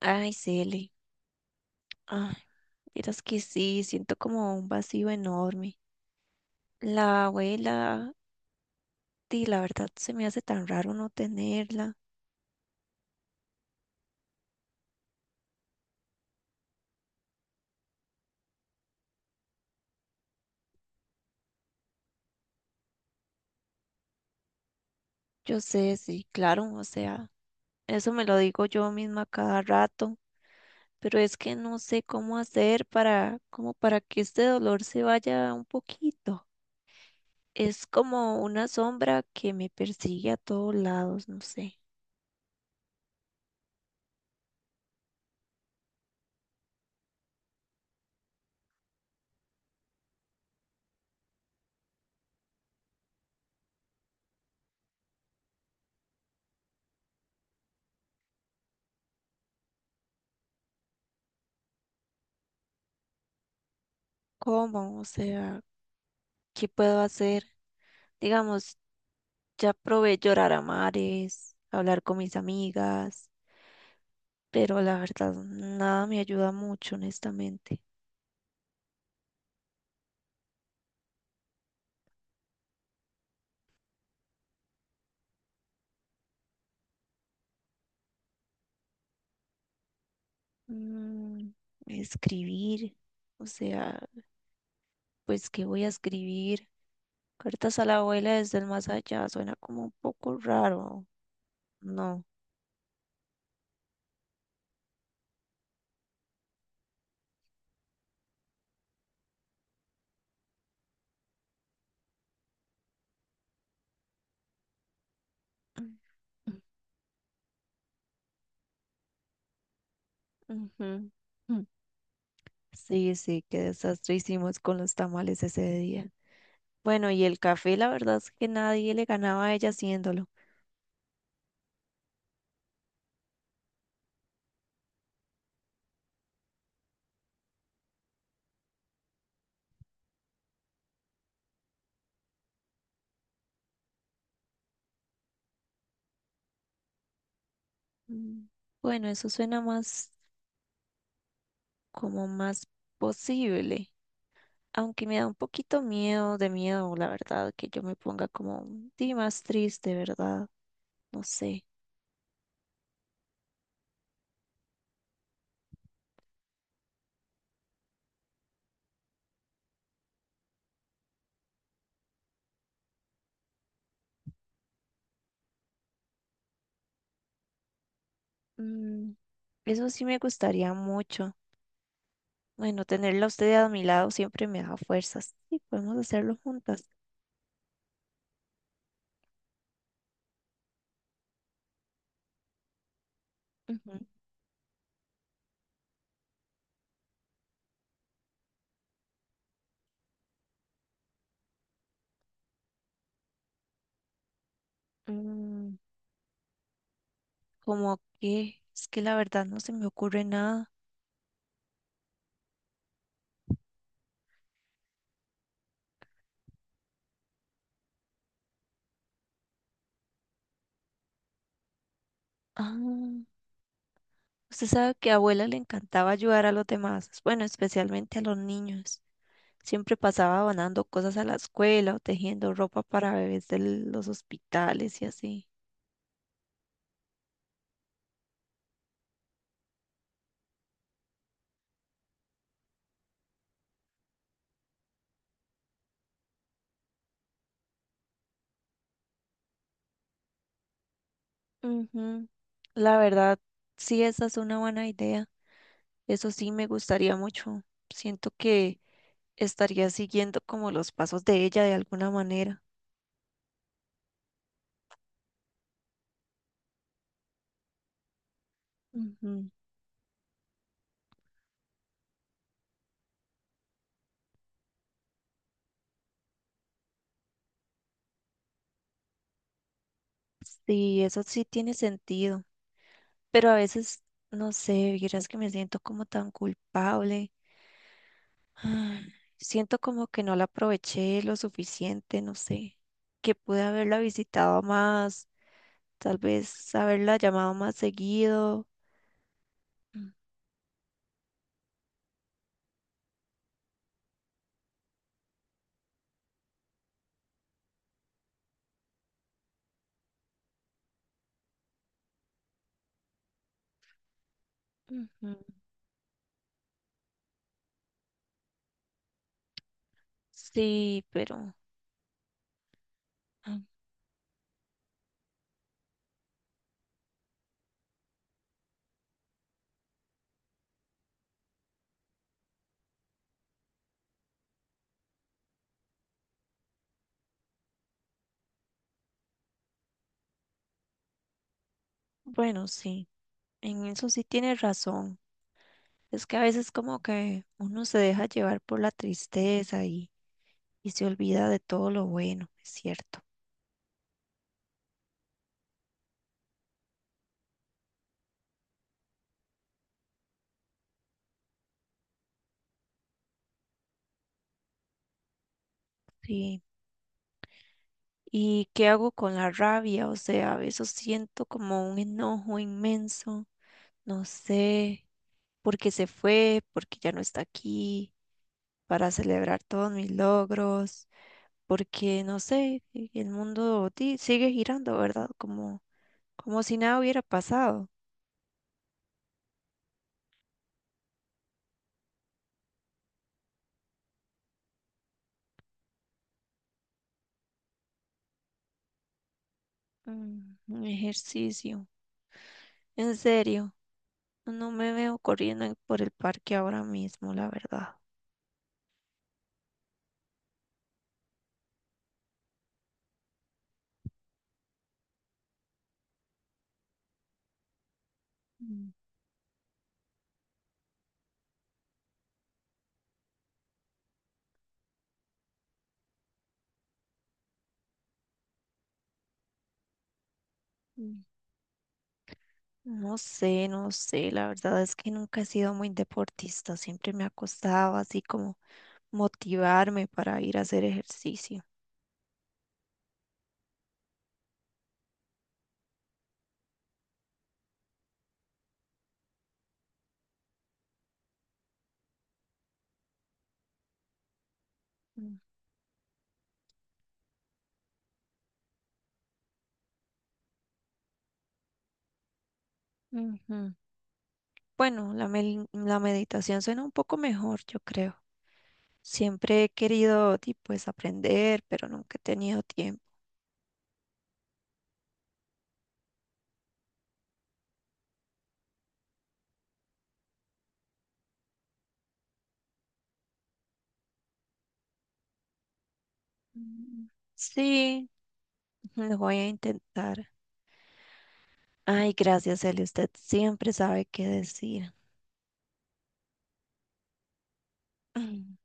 Ay, Cele. Ay, miras que sí, siento como un vacío enorme. La abuela, di, la verdad se me hace tan raro no tenerla. Yo sé, sí, claro, o sea, eso me lo digo yo misma cada rato, pero es que no sé cómo hacer para, como para que este dolor se vaya un poquito. Es como una sombra que me persigue a todos lados, no sé. ¿Cómo? O sea, ¿qué puedo hacer? Digamos, ya probé llorar a mares, hablar con mis amigas, pero la verdad nada me ayuda mucho, honestamente. Mm, escribir, o sea, pues ¿qué voy a escribir? Cartas a la abuela desde el más allá, suena como un poco raro, ¿no? Ujú. Mm. Sí, sí, qué desastre hicimos con los tamales ese día. Bueno, y el café, la verdad es que nadie le ganaba a ella haciéndolo. Mm. Bueno, eso suena más como más posible, aunque me da un poquito miedo, de miedo, la verdad, que yo me ponga como sí, más triste, ¿verdad? No sé. Mm, eso sí me gustaría mucho. Bueno, tenerla a usted a mi lado siempre me da fuerzas. Sí, podemos hacerlo juntas. Ujú. Mm, ¿como qué? Es que la verdad no se me ocurre nada. Ah, usted sabe que a abuela le encantaba ayudar a los demás, bueno, especialmente a los niños. Siempre pasaba donando cosas a la escuela o tejiendo ropa para bebés de los hospitales y así. Ujú. La verdad, sí, esa es una buena idea. Eso sí me gustaría mucho. Siento que estaría siguiendo como los pasos de ella de alguna manera. Ujú. Sí, eso sí tiene sentido. Pero a veces, no sé, vieras que me siento como tan culpable. Ay, siento como que no la aproveché lo suficiente, no sé, que pude haberla visitado más, tal vez haberla llamado más seguido. Mm, ujú. Sí, pero ah, bueno, sí, en eso sí tienes razón. Es que a veces como que uno se deja llevar por la tristeza y se olvida de todo lo bueno, es cierto. Sí. ¿Y qué hago con la rabia? O sea, a veces siento como un enojo inmenso, no sé. Porque se fue, porque ya no está aquí, para celebrar todos mis logros, porque no sé, y el mundo sigue girando, ¿verdad? Como, como si nada hubiera pasado. Mm, un ejercicio, en serio, no me veo corriendo en- por el parque ahora mismo, la verdad. Mm, mm, no sé, no sé, la verdad es que nunca he sido muy deportista, siempre me acostaba así como motivarme para ir a hacer ejercicio. Mm, ujú. Bueno, la meditación suena un poco mejor, yo creo. Siempre he querido, di, pues, aprender, pero nunca he tenido tiempo. Mm, sí, lo voy a intentar. Ay, gracias, Eli. Usted siempre sabe qué decir. Mm,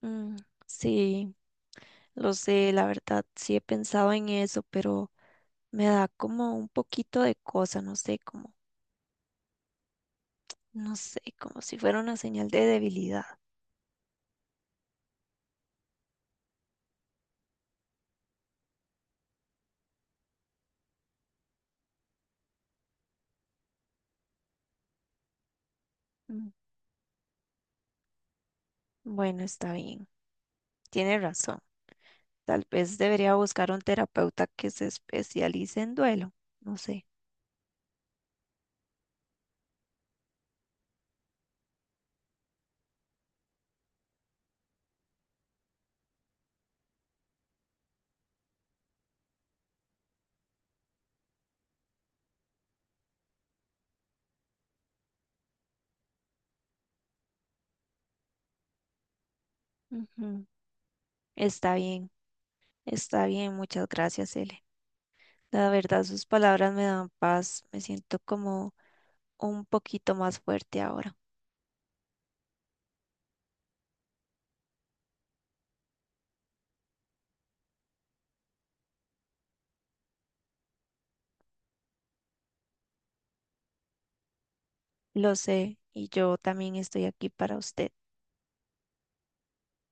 mm, sí, lo sé, la verdad, sí he pensado en eso, pero me da como un poquito de cosa, no sé, como, no sé, como si fuera una señal de debilidad. Mm, bueno, está bien, tiene razón. Tal vez debería buscar un terapeuta que se especialice en duelo, no sé. Ujú, está bien, está bien, muchas gracias, Ele. La verdad, sus palabras me dan paz, me siento como un poquito más fuerte ahora. Lo sé, y yo también estoy aquí para usted.